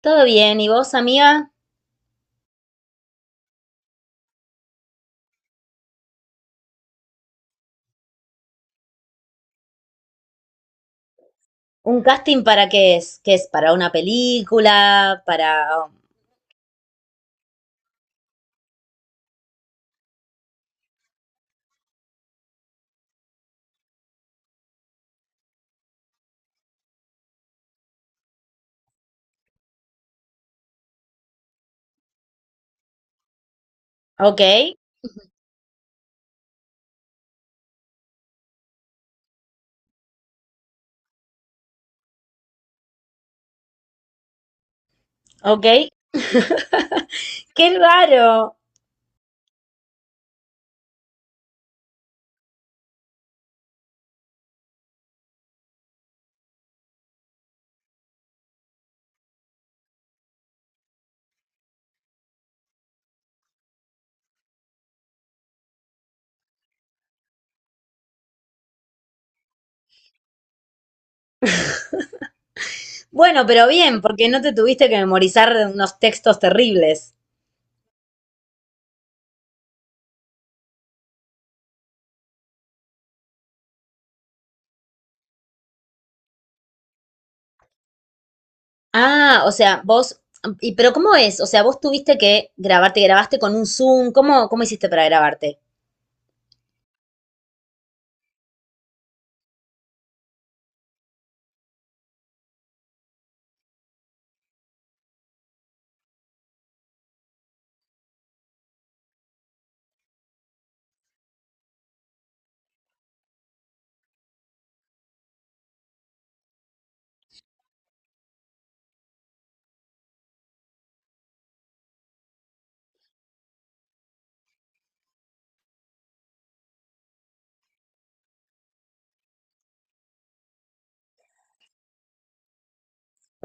Todo bien, ¿y vos, amiga? ¿Un casting para qué es? ¿Qué es? ¿Para una película? ¿Para...? Ok, ok. ¡Qué raro! Bueno, pero bien, porque no te tuviste que memorizar unos textos terribles. Ah, o sea, vos... ¿Y pero cómo es? O sea, vos tuviste que grabarte, grabaste con un Zoom. ¿Cómo hiciste para grabarte?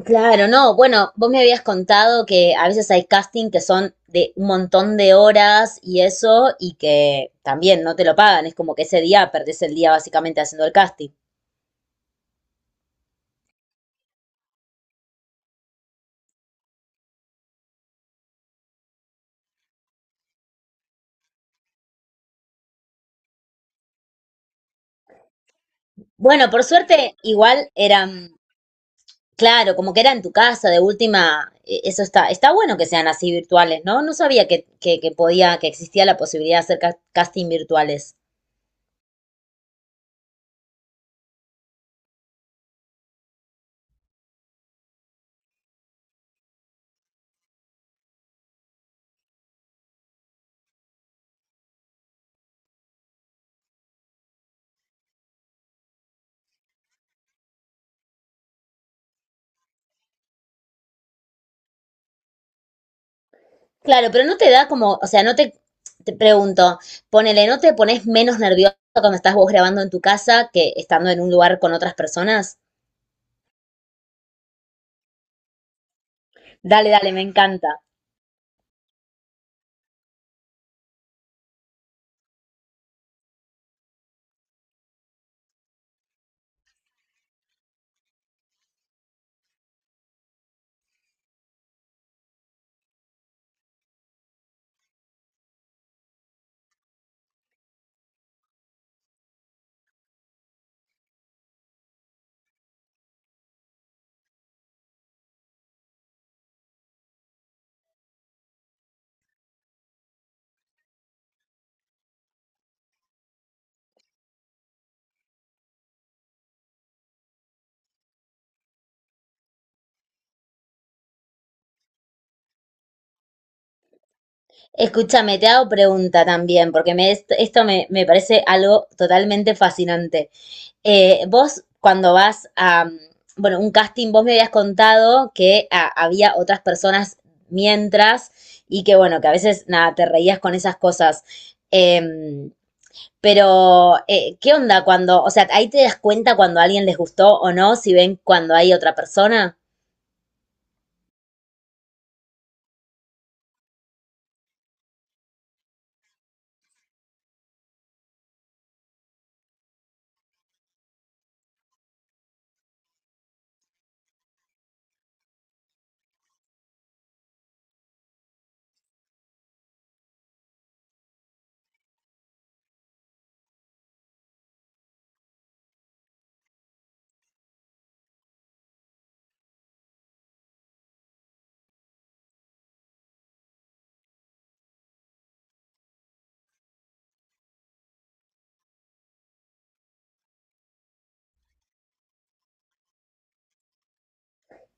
Claro, no, bueno, vos me habías contado que a veces hay casting que son de un montón de horas y eso, y que también no te lo pagan, es como que ese día perdés el día básicamente haciendo el casting. Bueno, por suerte, igual eran, claro, como que era en tu casa, de última, eso está, está bueno que sean así virtuales, ¿no? No sabía que podía, que existía la posibilidad de hacer casting virtuales. Claro, pero no te da como, o sea, no te, te pregunto, ponele, ¿no te pones menos nervioso cuando estás vos grabando en tu casa que estando en un lugar con otras personas? Dale, dale, me encanta. Escúchame, te hago pregunta también, porque me, esto me, me parece algo totalmente fascinante. Vos, cuando vas a, bueno, un casting, vos me habías contado que había otras personas mientras y que, bueno, que a veces, nada, te reías con esas cosas. Em, Pero ¿qué onda cuando, o sea, ahí te das cuenta cuando a alguien les gustó o no, si ven cuando hay otra persona?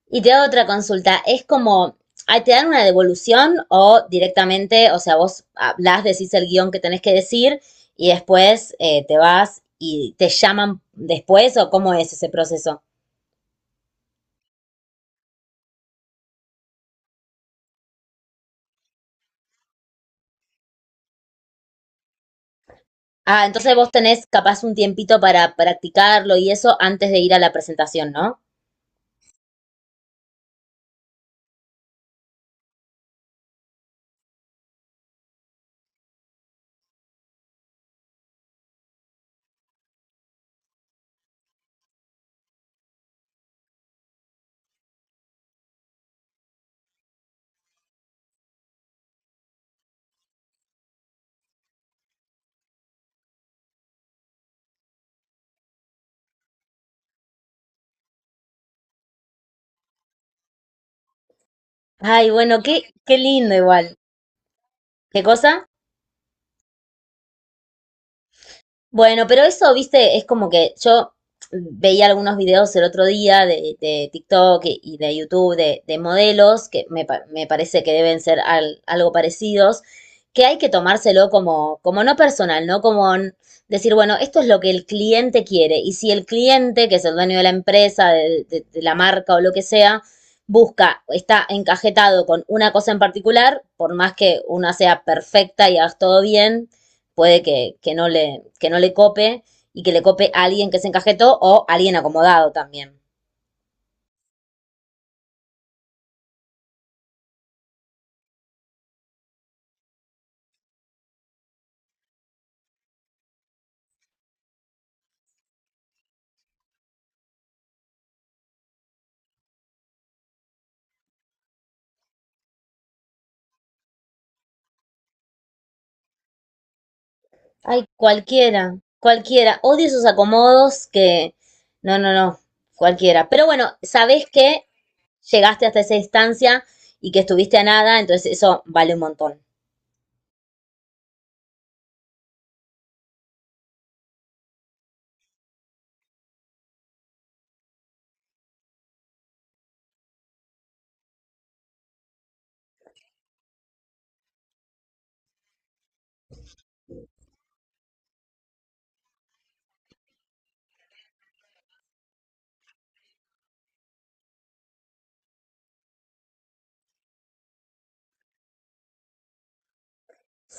Y te da otra consulta, es como, ah, ¿te dan una devolución o directamente, o sea, vos hablas, decís el guión que tenés que decir y después te vas y te llaman después o cómo es ese proceso? Ah, entonces vos tenés capaz un tiempito para practicarlo y eso antes de ir a la presentación, ¿no? Ay, bueno, qué, qué lindo igual. ¿Qué cosa? Bueno, pero eso, viste, es como que yo veía algunos videos el otro día de TikTok y de YouTube de modelos, que me, me parece que deben ser algo parecidos, que hay que tomárselo como, como no personal, ¿no? Como decir, bueno, esto es lo que el cliente quiere. Y si el cliente, que es el dueño de la empresa, de, de la marca o lo que sea, busca, está encajetado con una cosa en particular, por más que una sea perfecta y hagas todo bien, puede que no le cope y que le cope a alguien que se encajetó o a alguien acomodado también. Ay, cualquiera, cualquiera. Odio esos acomodos que... No, no, no, cualquiera. Pero bueno, sabés que llegaste hasta esa instancia y que estuviste a nada, entonces eso vale un montón.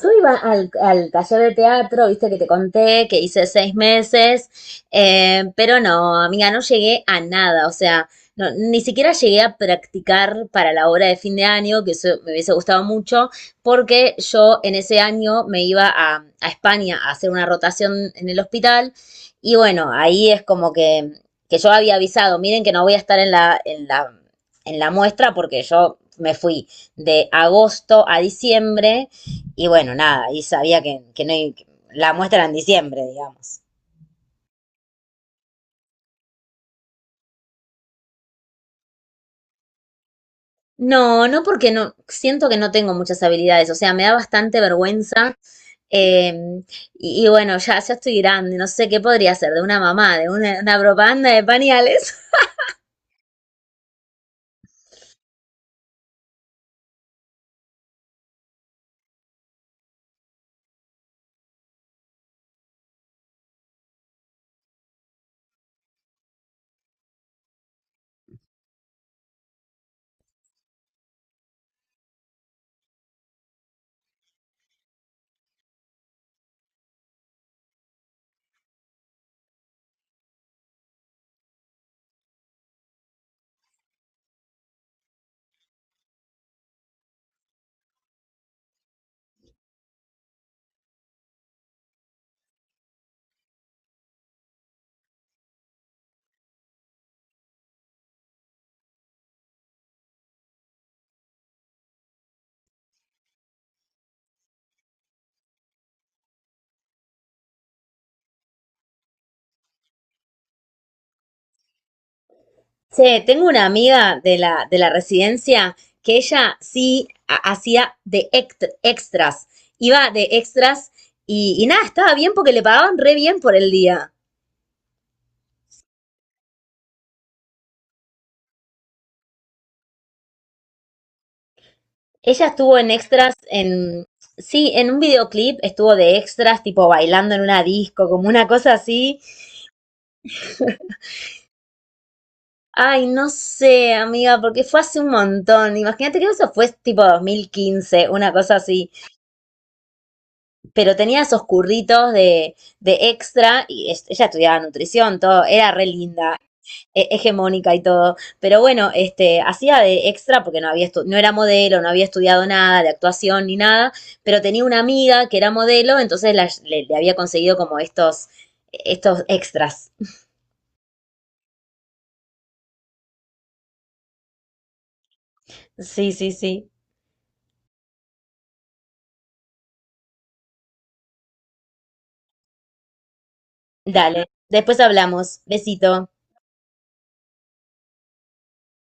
Yo iba al, al taller de teatro, viste que te conté, que hice 6 meses, pero no, amiga, no llegué a nada, o sea, no, ni siquiera llegué a practicar para la obra de fin de año, que eso me hubiese gustado mucho, porque yo en ese año me iba a España a hacer una rotación en el hospital, y bueno, ahí es como que yo había avisado, miren que no voy a estar en la, en la, en la muestra porque yo me fui de agosto a diciembre y bueno, nada, y sabía que no hay- que la muestra era en diciembre, digamos. No, no porque no, siento que no tengo muchas habilidades, o sea, me da bastante vergüenza. eh, y bueno, ya, ya estoy grande, no sé qué podría ser de una mamá, de una propaganda de pañales. Che, tengo una amiga de la residencia que ella sí hacía de extras, iba de extras y nada, estaba bien porque le pagaban re bien por el día. Ella estuvo en extras en... Sí, en un videoclip estuvo de extras, tipo bailando en una disco, como una cosa así. Ay, no sé, amiga, porque fue hace un montón. Imagínate que eso fue tipo 2015 una cosa así. Pero tenía esos curritos de extra ella estudiaba nutrición, todo. Era re linda. Hegemónica y todo. Pero bueno, este, hacía de extra porque no había no era modelo, no había estudiado nada de actuación ni nada, pero tenía una amiga que era modelo, entonces le, le había conseguido como estos, estos extras. Sí, sí, sí. Dale. Después hablamos. Besito.